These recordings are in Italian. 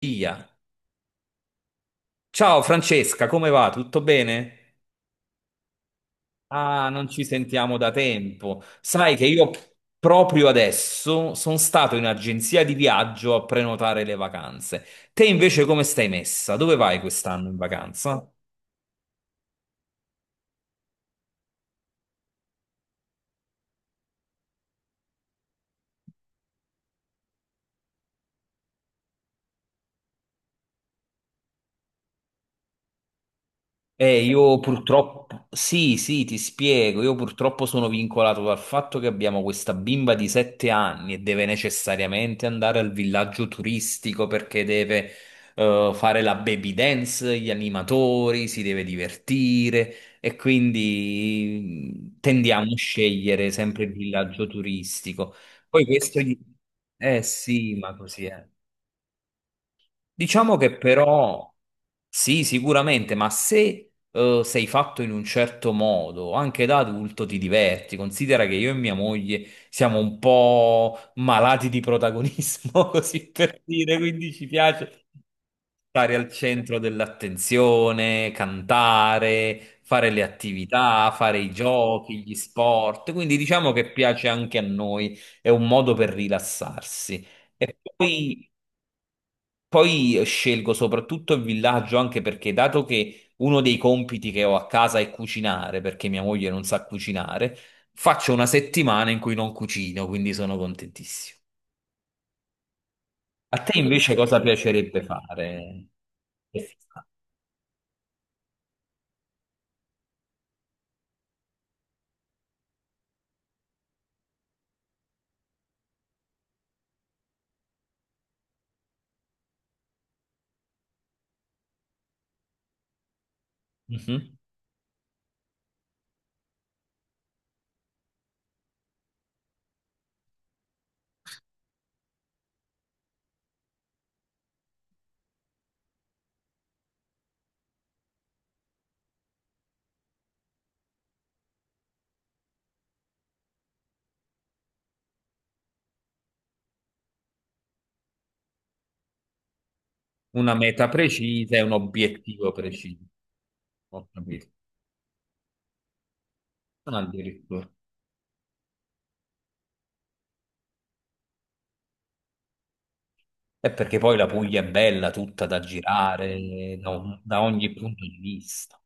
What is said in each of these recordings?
Via. Ciao Francesca, come va? Tutto bene? Ah, non ci sentiamo da tempo. Sai che io proprio adesso sono stato in agenzia di viaggio a prenotare le vacanze. Te invece come stai messa? Dove vai quest'anno in vacanza? Io purtroppo, sì, sì, ti spiego, io purtroppo sono vincolato dal fatto che abbiamo questa bimba di 7 anni e deve necessariamente andare al villaggio turistico perché deve fare la baby dance, gli animatori, si deve divertire e quindi tendiamo a scegliere sempre il villaggio turistico. Poi questo gli... Eh sì, ma così è. Diciamo che però sì, sicuramente, ma se sei fatto in un certo modo, anche da adulto ti diverti. Considera che io e mia moglie siamo un po' malati di protagonismo, così per dire, quindi ci piace stare al centro dell'attenzione, cantare, fare le attività, fare i giochi, gli sport. Quindi diciamo che piace anche a noi, è un modo per rilassarsi. E poi scelgo soprattutto il villaggio anche perché, dato che uno dei compiti che ho a casa è cucinare, perché mia moglie non sa cucinare, faccio una settimana in cui non cucino, quindi sono contentissimo. A te invece cosa piacerebbe fare? Mhm. Una meta precisa e un obiettivo preciso. Ho capito. Ah, addirittura. È perché poi la Puglia è bella, tutta da girare da ogni punto di vista.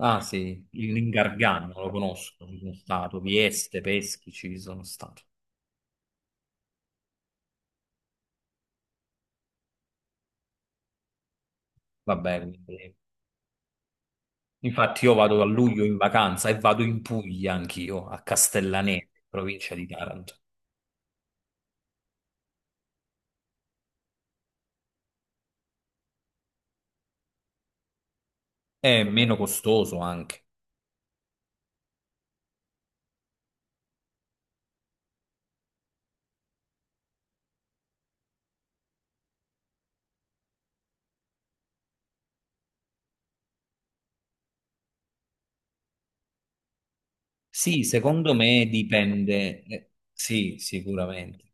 Ah sì, il- l'ingargano lo conosco, ci sono stato, Vieste, Peschi ci sono stato. Vabbè, quindi- infatti io vado a luglio in vacanza e vado in Puglia anch'io, a Castellaneta, provincia di Taranto. È meno costoso anche. Sì, secondo me dipende. Sì, sicuramente.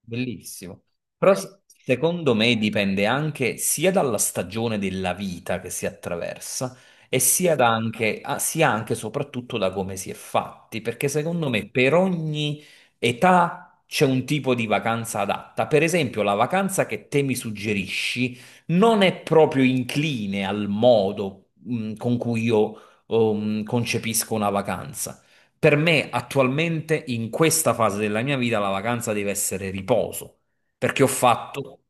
Bellissimo. Però s- secondo me dipende anche sia dalla stagione della vita che si attraversa e sia, da anche, ah, sia anche e soprattutto da come si è fatti, perché secondo me per ogni età c'è un tipo di vacanza adatta. Per esempio, la vacanza che te mi suggerisci non è proprio incline al modo, con cui io concepisco una vacanza. Per me attualmente, in questa fase della mia vita, la vacanza deve essere riposo, perché ho fatto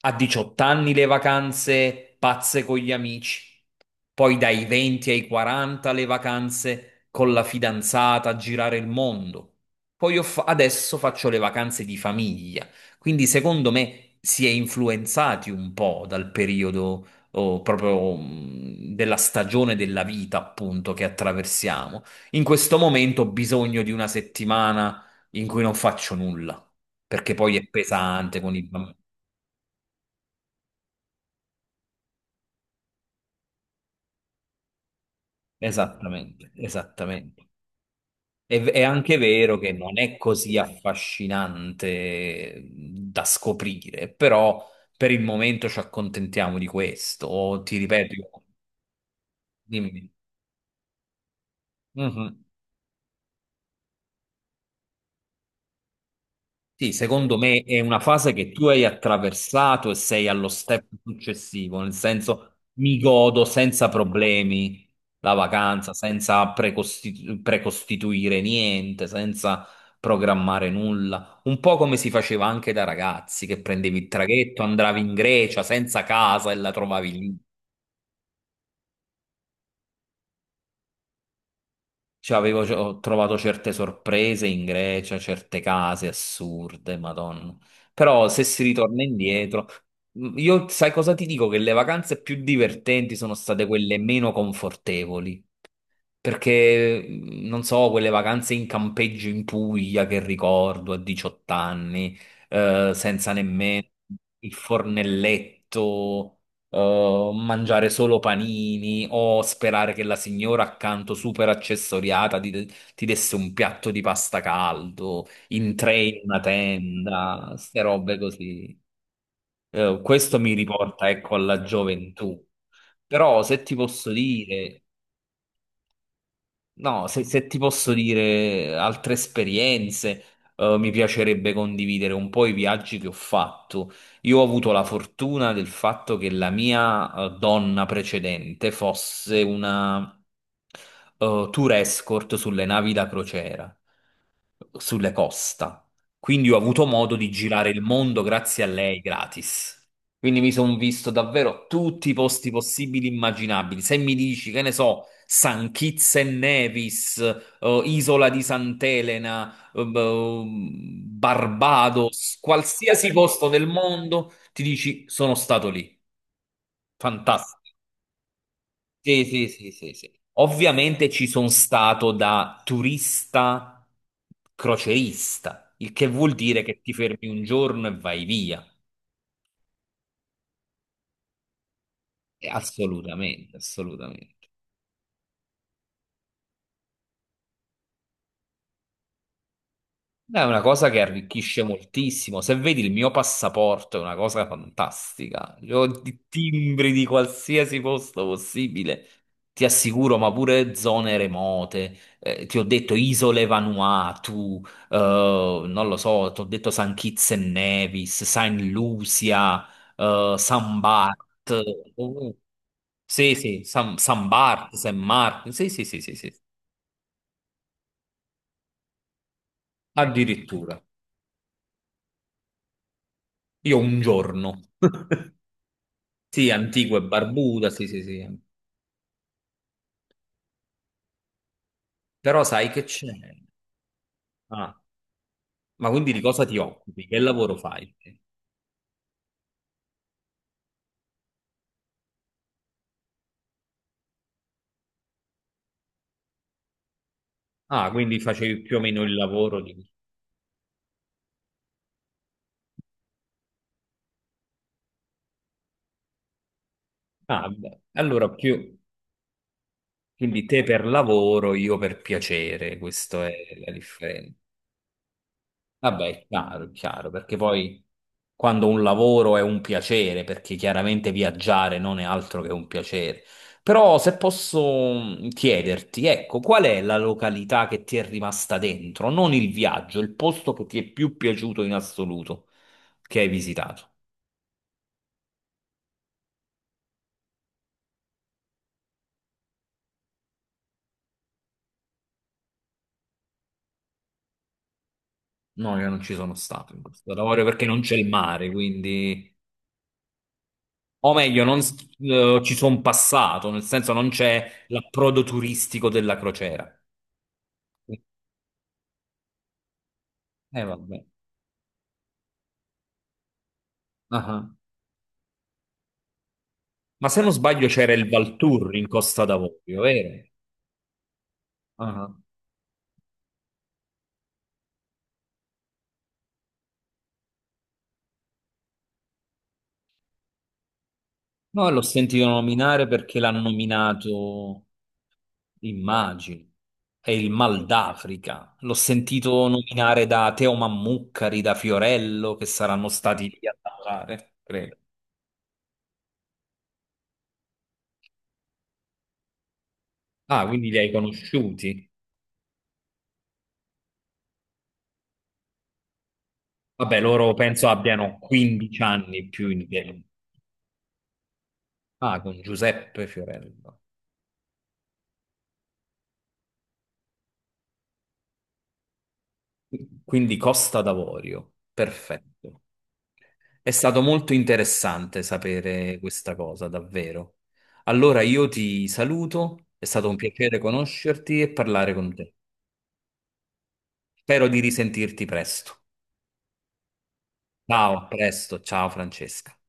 a 18 anni le vacanze pazze con gli amici, poi dai 20 ai 40 le vacanze con la fidanzata a girare il mondo, poi ho fa- adesso faccio le vacanze di famiglia, quindi secondo me si è influenzati un po' dal periodo o proprio della stagione della vita, appunto, che attraversiamo. In questo momento ho bisogno di una settimana in cui non faccio nulla, perché poi è pesante con i bambini. Esattamente, esattamente. È anche vero che non è così affascinante da scoprire, però per il momento ci accontentiamo di questo. O ti ripeto, io- dimmi. Mhm. Sì, secondo me è una fase che tu hai attraversato e sei allo step successivo, nel senso mi godo senza problemi la vacanza, senza precosti- precostituire niente, senza programmare nulla. Un po' come si faceva anche da ragazzi, che prendevi il traghetto, andavi in Grecia senza casa e la trovavi lì. Cioè, avevo, ho trovato certe sorprese in Grecia, certe case assurde, Madonna. Però se si ritorna indietro, io sai cosa ti dico? Che le vacanze più divertenti sono state quelle meno confortevoli. Perché, non so, quelle vacanze in campeggio in Puglia che ricordo a 18 anni, senza nemmeno il fornelletto, mangiare solo panini o sperare che la signora accanto super accessoriata ti, ti desse un piatto di pasta caldo, in tre in una tenda, ste robe così. Questo mi riporta, ecco, alla gioventù. Però se ti posso dire, no, se ti posso dire altre esperienze, mi piacerebbe condividere un po' i viaggi che ho fatto. Io ho avuto la fortuna del fatto che la mia, donna precedente fosse una, tour escort sulle navi da crociera, sulle costa. Quindi ho avuto modo di girare il mondo grazie a lei gratis. Quindi mi sono visto davvero tutti i posti possibili e immaginabili. Se mi dici, che ne so, San Kitts e Nevis, Isola di Sant'Elena, Barbados, qualsiasi posto del mondo, ti dici sono stato lì. Fantastico. Sì, sì, sì, sì, sì. Ovviamente ci sono stato da turista crocerista, il che vuol dire che ti fermi un giorno e vai via. Assolutamente, assolutamente. È una cosa che arricchisce moltissimo. Se vedi il mio passaporto, è una cosa fantastica. Io ho di timbri di qualsiasi posto possibile, ti assicuro, ma pure zone remote. Ti ho detto isole Vanuatu, eh, non lo so, ti ho detto San Kitts e Nevis, Saint Lucia, San Bart. Oh, sì, sì, San, San Bart, San Marco. Sì, sì, sì, sì, sì. Addirittura. Io un giorno. Sì, antico e barbuta, sì, sì, sì. Però sai che c'è? Ah, ma quindi di cosa ti occupi? Che lavoro fai? Ah, quindi facevi più o meno il lavoro di... Ah, beh, allora più... Quindi te per lavoro, io per piacere, questa è la differenza. Vabbè, è chiaro, perché poi quando un lavoro è un piacere, perché chiaramente viaggiare non è altro che un piacere. Però se posso chiederti, ecco, qual è la località che ti è rimasta dentro? Non il viaggio, il posto che ti è più piaciuto in assoluto che hai visitato. No, io non ci sono stato in questo lavoro perché non c'è il mare, quindi... O meglio, non s- ci sono passato, nel senso non c'è l'approdo turistico della crociera. Vabbè. Ah. Ma se non sbaglio c'era il Valturri in Costa d'Avorio, vero? Ah. No, l'ho sentito nominare perché l'hanno nominato, immagino, è il Mal d'Africa. L'ho sentito nominare da Teo Mammuccari, da Fiorello, che saranno stati lì a lavorare, credo. Ah, quindi li hai conosciuti? Vabbè, loro penso abbiano 15 anni più in pieno. Ah, con Giuseppe Fiorello. Quindi Costa d'Avorio, perfetto. È stato molto interessante sapere questa cosa, davvero. Allora io ti saluto, è stato un piacere conoscerti e parlare con te. Spero di risentirti presto. Ciao, a presto, ciao Francesca.